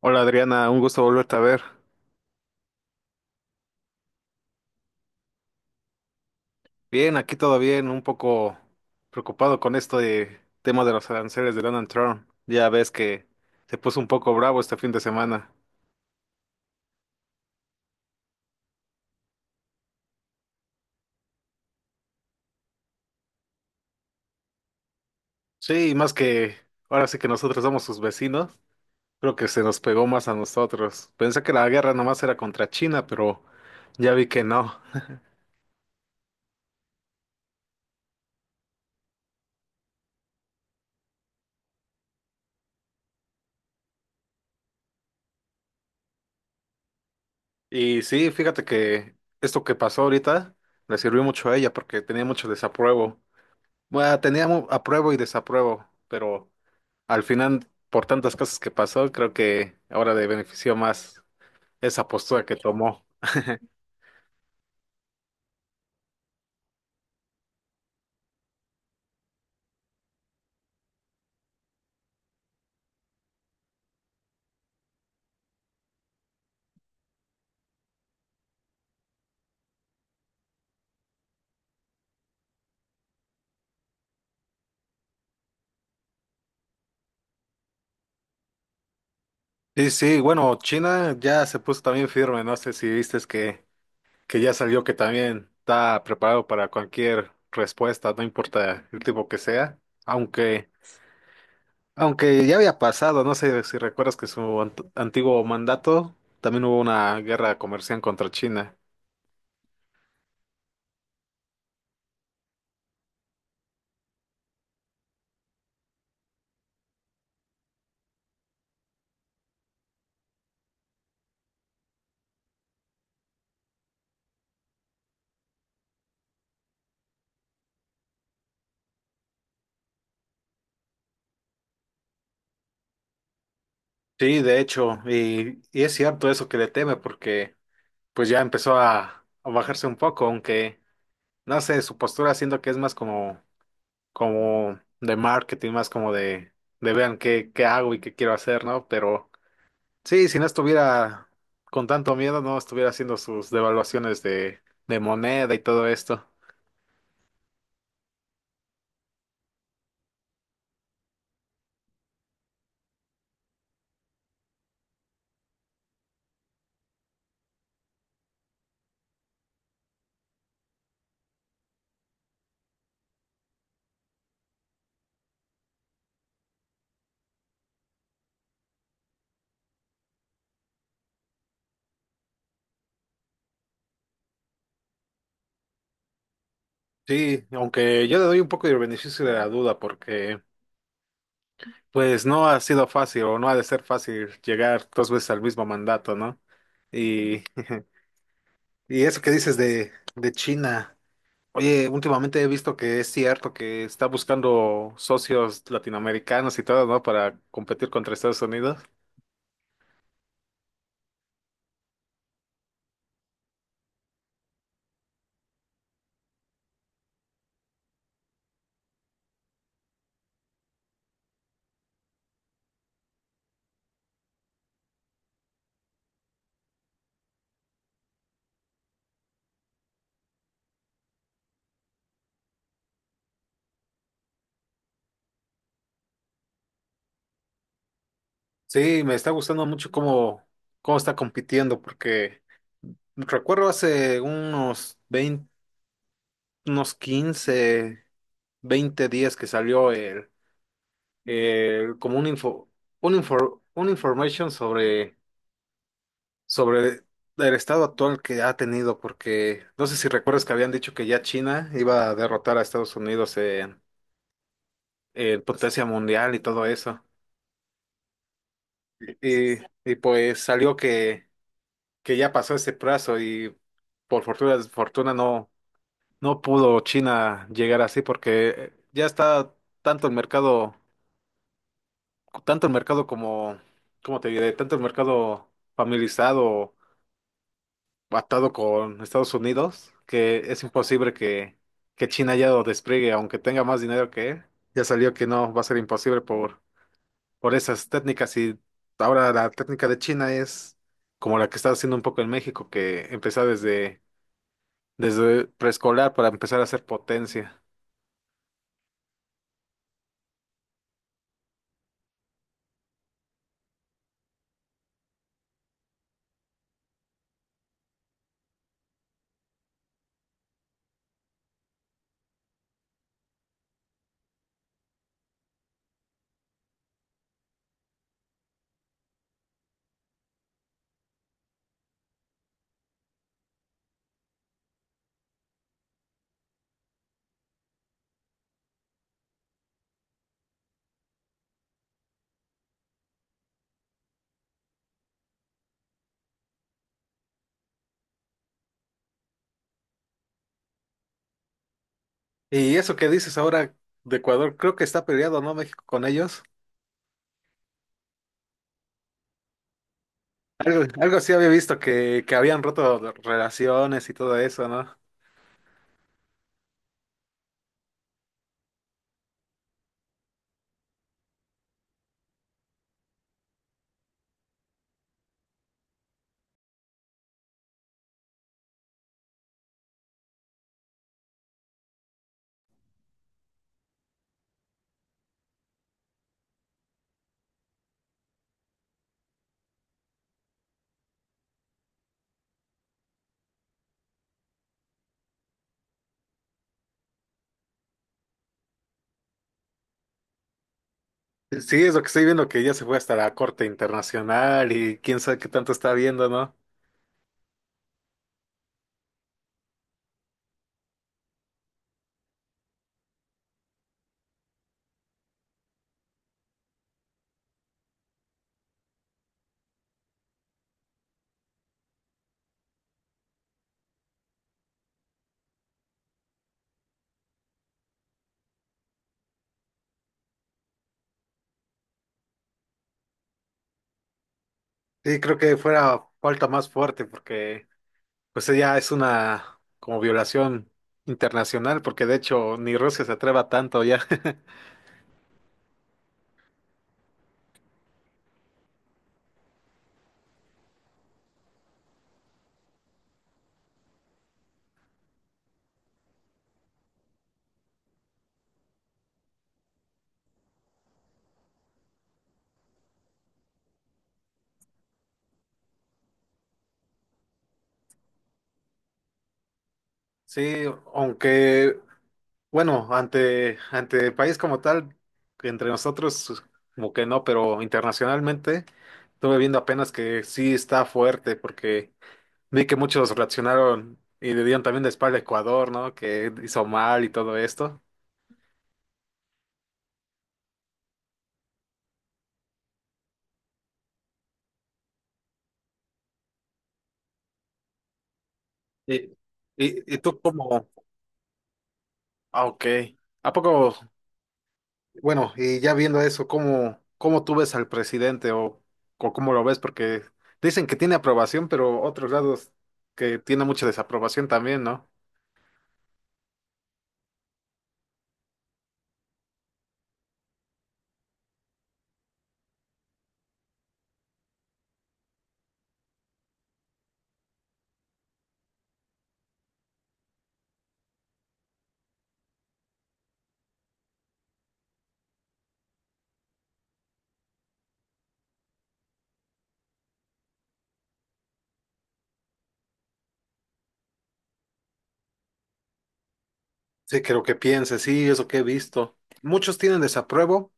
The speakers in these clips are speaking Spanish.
Hola Adriana, un gusto volverte a ver. Bien, aquí todo bien, un poco preocupado con esto de tema de los aranceles de Donald Trump. Ya ves que se puso un poco bravo este fin de semana. Sí, y más que ahora sí que nosotros somos sus vecinos, creo que se nos pegó más a nosotros. Pensé que la guerra nomás era contra China, pero ya vi que no. Y sí, fíjate que esto que pasó ahorita le sirvió mucho a ella porque tenía mucho desapruebo. Bueno, tenía apruebo y desapruebo, pero al final, por tantas cosas que pasó, creo que ahora le benefició más esa postura que tomó. Sí, bueno, China ya se puso también firme, no sé si viste que ya salió que también está preparado para cualquier respuesta, no importa el tipo que sea, aunque, aunque ya había pasado, no sé si recuerdas que su antiguo mandato también hubo una guerra comercial contra China. Sí, de hecho, y es cierto eso que le teme porque pues ya empezó a bajarse un poco, aunque no sé, su postura siento que es más como, como de marketing, más como de vean qué, qué hago y qué quiero hacer, ¿no? Pero sí, si no estuviera con tanto miedo, no estuviera haciendo sus devaluaciones de moneda y todo esto. Sí, aunque yo le doy un poco de beneficio de la duda porque pues no ha sido fácil o no ha de ser fácil llegar dos veces al mismo mandato, ¿no? Y y eso que dices de China. Oye, últimamente he visto que es cierto que está buscando socios latinoamericanos y todo, ¿no? Para competir contra Estados Unidos. Sí, me está gustando mucho cómo, cómo está compitiendo, porque recuerdo hace unos 20, unos 15, 20 días que salió el, como un info, una information sobre, sobre el estado actual que ha tenido, porque no sé si recuerdas que habían dicho que ya China iba a derrotar a Estados Unidos en el potencia mundial y todo eso. Y, y pues salió que ya pasó ese plazo y por fortuna, desfortuna no, no pudo China llegar así porque ya está tanto el mercado, tanto el mercado como, ¿cómo te diré? Tanto el mercado familiarizado, atado con Estados Unidos, que es imposible que China ya lo despliegue, aunque tenga más dinero que él. Ya salió que no, va a ser imposible por esas técnicas y ahora la técnica de China es como la que está haciendo un poco en México, que empezó desde, desde preescolar para empezar a hacer potencia. Y eso que dices ahora de Ecuador, creo que está peleado, ¿no? México con ellos. Algo, algo sí había visto que habían roto relaciones y todo eso, ¿no? Sí, es lo que estoy viendo, que ya se fue hasta la Corte Internacional y quién sabe qué tanto está viendo, ¿no? Sí, creo que fuera falta más fuerte porque pues ya es una como violación internacional, porque de hecho ni Rusia se atreva tanto ya. Sí, aunque, bueno, ante, ante el país como tal, que entre nosotros como que no, pero internacionalmente estuve viendo apenas que sí está fuerte, porque vi que muchos reaccionaron y le dieron también de espalda a Ecuador, ¿no? Que hizo mal y todo esto. Y, y tú como, ah, ok. ¿A poco? Bueno, y ya viendo eso, ¿cómo, cómo tú ves al presidente o cómo lo ves? Porque dicen que tiene aprobación, pero otros lados que tiene mucha desaprobación también, ¿no? Sí, creo que piense, sí, eso que he visto. Muchos tienen desapruebo,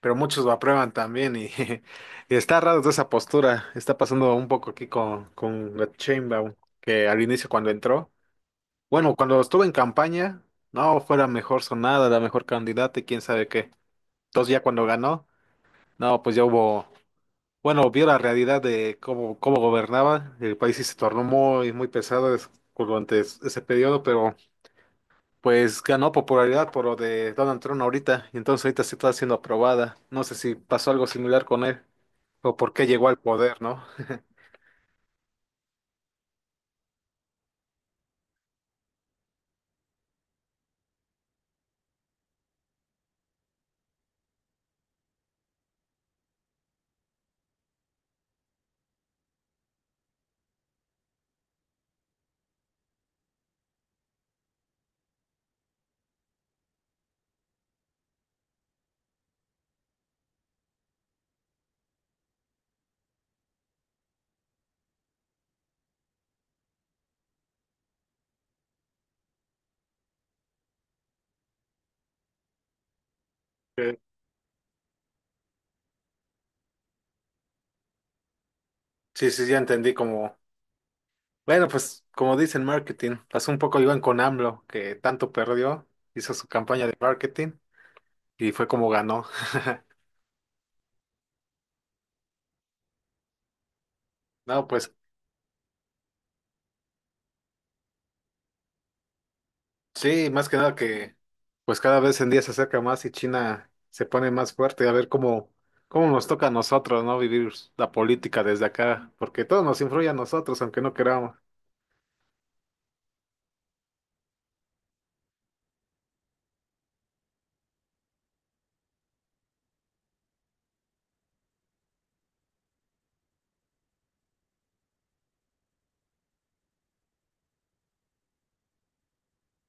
pero muchos lo aprueban también y y está raro toda esa postura. Está pasando un poco aquí con Sheinbaum, que al inicio cuando entró, bueno, cuando estuvo en campaña, no, fue la mejor sonada, la mejor candidata y quién sabe qué. Entonces ya cuando ganó, no, pues ya hubo, bueno, vio la realidad de cómo, cómo gobernaba el país y se tornó muy, muy pesado durante ese periodo, pero pues ganó popularidad por lo de Donald Trump ahorita. Y entonces ahorita sí está siendo aprobada. No sé si pasó algo similar con él o por qué llegó al poder, ¿no? Eh, sí, sí, ya entendí como, bueno, pues como dicen marketing, pasó un poco igual con AMLO, que tanto perdió, hizo su campaña de marketing y fue como ganó. No, pues sí, más que nada que pues cada vez en día se acerca más y China se pone más fuerte, a ver cómo, cómo nos toca a nosotros, ¿no? Vivir la política desde acá, porque todo nos influye a nosotros, aunque no queramos.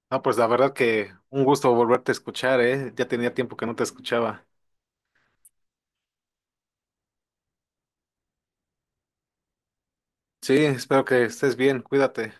No, pues la verdad que un gusto volverte a escuchar, ¿eh? Ya tenía tiempo que no te escuchaba. Sí, espero que estés bien, cuídate.